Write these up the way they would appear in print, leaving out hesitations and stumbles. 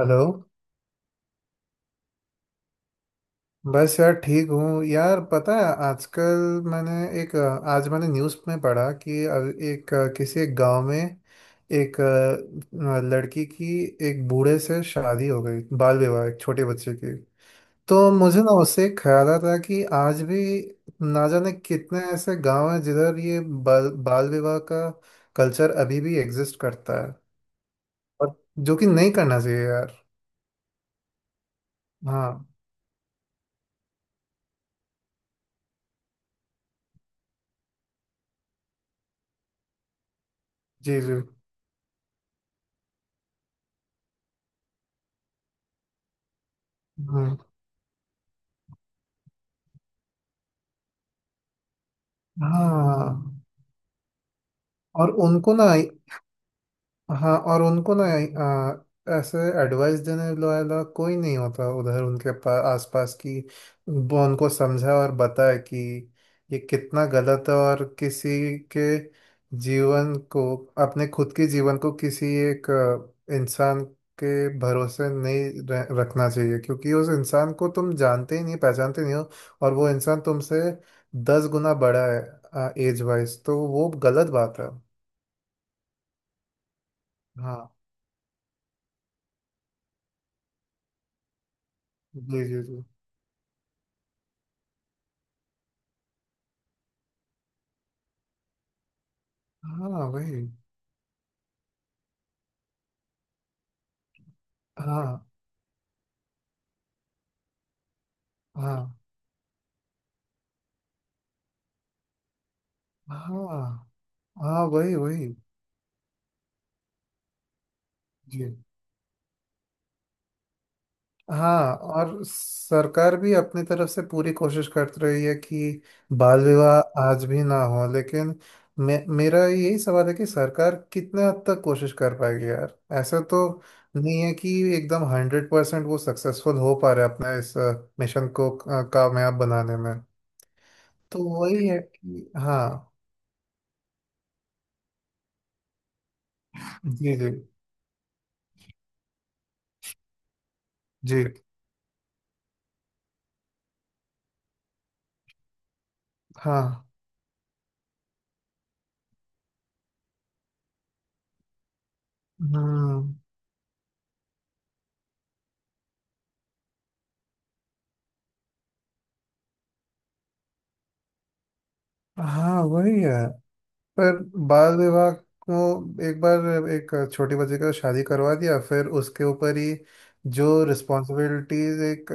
Hello. बस यार ठीक हूँ यार। पता है, आजकल मैंने एक अ, आज मैंने न्यूज़ में पढ़ा कि किसी एक गांव में लड़की की एक बूढ़े से शादी हो गई। बाल विवाह, एक छोटे बच्चे की। तो मुझे ना उससे एक ख्याल आता कि आज भी ना जाने कितने ऐसे गांव हैं जिधर ये बाल बाल विवाह का कल्चर अभी भी एग्जिस्ट करता है। और जो कि नहीं करना चाहिए यार। हाँ। जी जी। हम्म। हाँ और उनको ना हाँ, और उनको ना ऐसे एडवाइस देने वाला कोई नहीं होता उधर, उनके पास आसपास की। वो उनको समझा और बताए कि ये कितना गलत है। और किसी के जीवन को, अपने खुद के जीवन को किसी एक इंसान के भरोसे नहीं रखना चाहिए, क्योंकि उस इंसान को तुम जानते ही नहीं, पहचानते नहीं हो। और वो इंसान तुमसे 10 गुना बड़ा है एज वाइज, तो वो गलत बात है। हाँ। जी जी जी। हाँ वही। हाँ हाँ। हाँ हाँ वही वही। जी। हाँ, और सरकार भी अपनी तरफ से पूरी कोशिश करती रही है कि बाल विवाह आज भी ना हो, लेकिन मे मेरा यही सवाल है कि सरकार कितने हद तक कोशिश कर पाएगी यार। ऐसा तो नहीं है कि एकदम 100% वो सक्सेसफुल हो पा रहे अपने इस मिशन को कामयाब बनाने में। तो वही है कि हाँ। जी जी जी। हाँ हाँ हाँ वही है। पर बाल विवाह को, एक बार एक छोटी बच्ची का शादी करवा दिया, फिर उसके ऊपर ही जो रिस्पॉन्सिबिलिटीज एक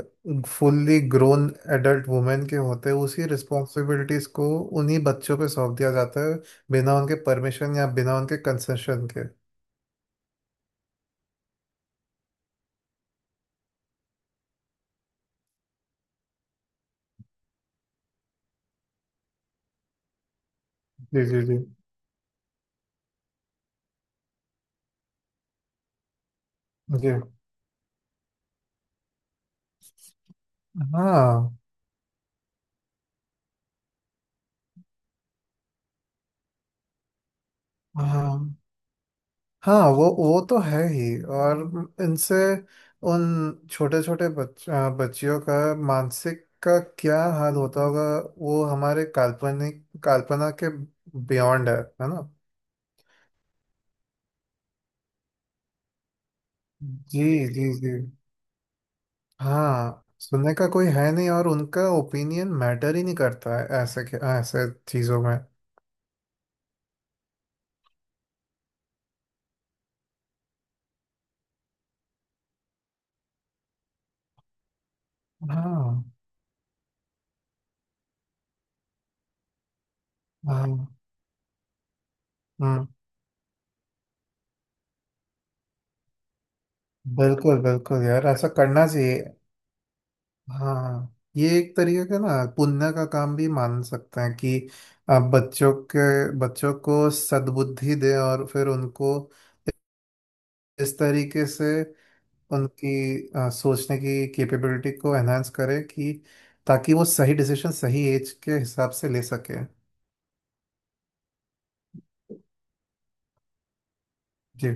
फुल्ली ग्रोन एडल्ट वुमेन के होते हैं, उसी रिस्पॉन्सिबिलिटीज को उन्हीं बच्चों पे सौंप दिया जाता है, बिना उनके परमिशन या बिना उनके कंसेशन के। जी जी जी जी। हाँ हाँ हाँ, वो तो है ही। और इनसे उन छोटे छोटे बच्चियों का मानसिक का क्या हाल होता होगा, वो हमारे काल्पनिक कल्पना के बियॉन्ड है। है ना? जी जी जी। हाँ, सुनने का कोई है नहीं, और उनका ओपिनियन मैटर ही नहीं करता है ऐसे ऐसे चीजों में। हाँ हाँ। हम्म। बिल्कुल बिल्कुल यार, ऐसा करना चाहिए। हाँ, ये एक तरीके का ना पुण्य का काम भी मान सकते हैं कि आप बच्चों को सद्बुद्धि दें, और फिर उनको इस तरीके से उनकी सोचने की कैपेबिलिटी को एनहांस करें कि ताकि वो सही डिसीजन सही एज के हिसाब से ले सके। जी।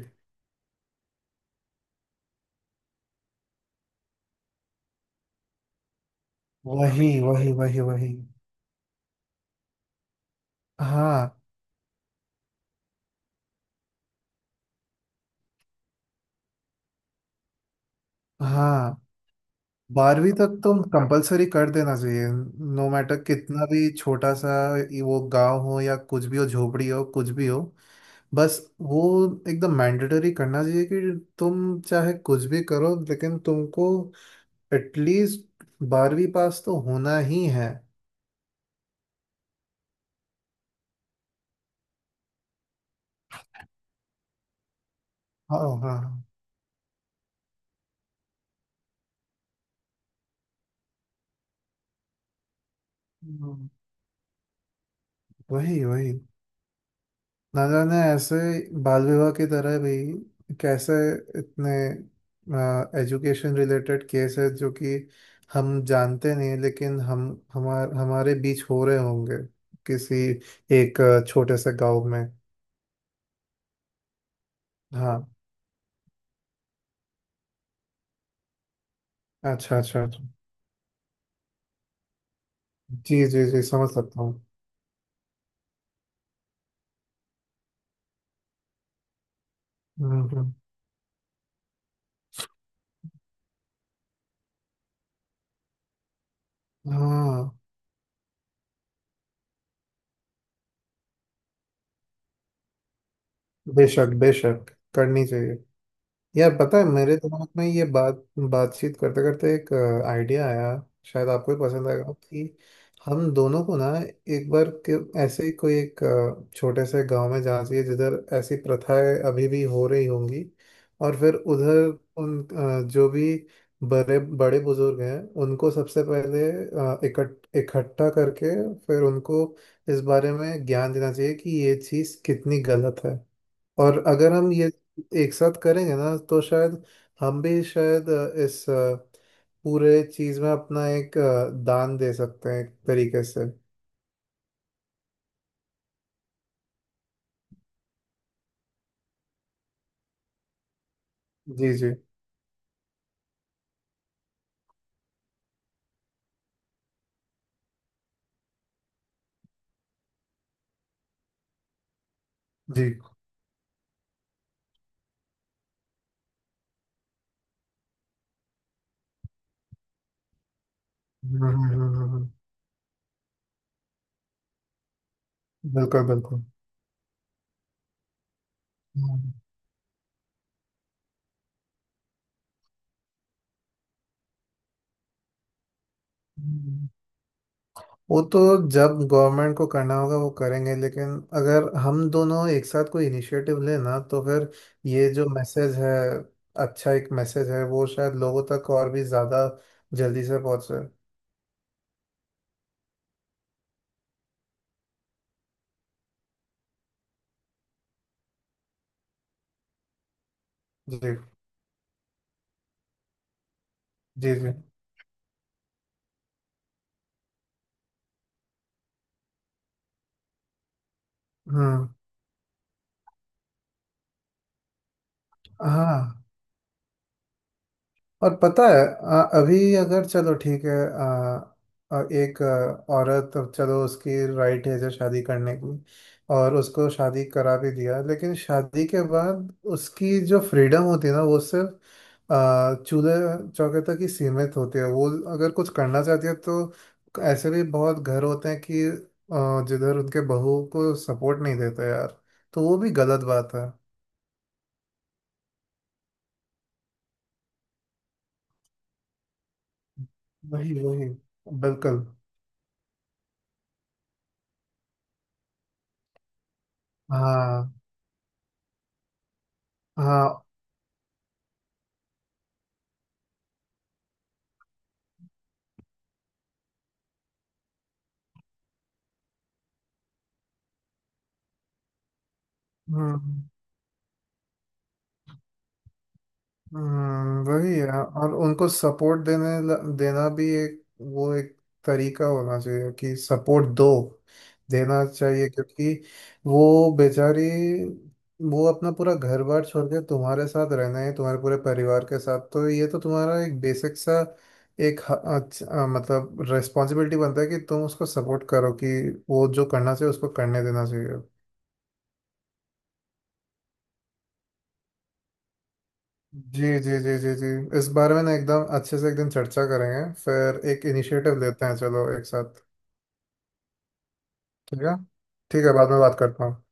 वही वही वही वही। हाँ हाँ। 12वीं तक तो कंपलसरी कर देना चाहिए, नो मैटर कितना भी छोटा सा ये वो गांव हो या कुछ भी हो, झोपड़ी हो कुछ भी हो, बस वो एकदम मैंडेटरी करना चाहिए कि तुम चाहे कुछ भी करो, लेकिन तुमको एटलीस्ट 12वीं पास तो होना ही है। हाँ हाँ हाँ। वही वही। ना जाने ऐसे बाल विवाह की तरह भी कैसे इतने एजुकेशन रिलेटेड केस है जो कि हम जानते नहीं, लेकिन हम हमार हमारे बीच हो रहे होंगे किसी एक छोटे से गांव में। हाँ। अच्छा अच्छा अच्छा। जी जी जी, समझ सकता हूँ। हम्म हम्म। हाँ, बेशक बेशक करनी चाहिए। यार पता है, मेरे दिमाग में ये बात बातचीत करते करते एक आइडिया आया, शायद आपको भी पसंद आएगा कि हम दोनों को ना एक बार के ऐसे ही कोई एक छोटे से गांव में जाना चाहिए जिधर ऐसी प्रथाएं अभी भी हो रही होंगी। और फिर उधर उन जो भी बड़े बड़े बुजुर्ग हैं उनको सबसे पहले इकट्ठा करके, फिर उनको इस बारे में ज्ञान देना चाहिए कि ये चीज़ कितनी गलत है। और अगर हम ये एक साथ करेंगे ना, तो शायद हम भी शायद इस पूरे चीज में अपना एक दान दे सकते हैं एक तरीके से। जी जी जी। हम्म हम्म हम्म हम्म। बिल्कुल बिल्कुल। हम्म हम्म। वो तो जब गवर्नमेंट को करना होगा वो करेंगे, लेकिन अगर हम दोनों एक साथ कोई इनिशिएटिव लें ना, तो फिर ये जो मैसेज है, अच्छा एक मैसेज है, वो शायद लोगों तक और भी ज़्यादा जल्दी से पहुंचे। जी जी जी। हाँ हाँ। और पता है, अभी अगर, चलो ठीक है, आ, आ, एक औरत, अब चलो उसकी राइट एज है शादी करने की, और उसको शादी करा भी दिया, लेकिन शादी के बाद उसकी जो फ्रीडम होती है ना, वो सिर्फ चूल्हे चौके तक ही सीमित होती है। वो अगर कुछ करना चाहती है तो ऐसे भी बहुत घर होते हैं कि जिधर उनके बहू को सपोर्ट नहीं देता यार। तो वो भी गलत बात है। वही वही। बिल्कुल। हाँ हाँ। हम्म। वही है। और उनको सपोर्ट देना भी एक, वो एक तरीका होना चाहिए कि सपोर्ट दो देना चाहिए, क्योंकि वो बेचारी, वो अपना पूरा घर बार छोड़ के तुम्हारे साथ रहना है तुम्हारे पूरे परिवार के साथ, तो ये तो तुम्हारा एक बेसिक सा एक मतलब रिस्पॉन्सिबिलिटी बनता है कि तुम उसको सपोर्ट करो, कि वो जो करना चाहिए उसको करने देना चाहिए। जी जी जी जी जी। इस बारे में ना एकदम अच्छे से एक दिन चर्चा करेंगे, फिर एक इनिशिएटिव लेते हैं चलो एक साथ। ठीक है। ठीक है, बाद में बात करता हूँ।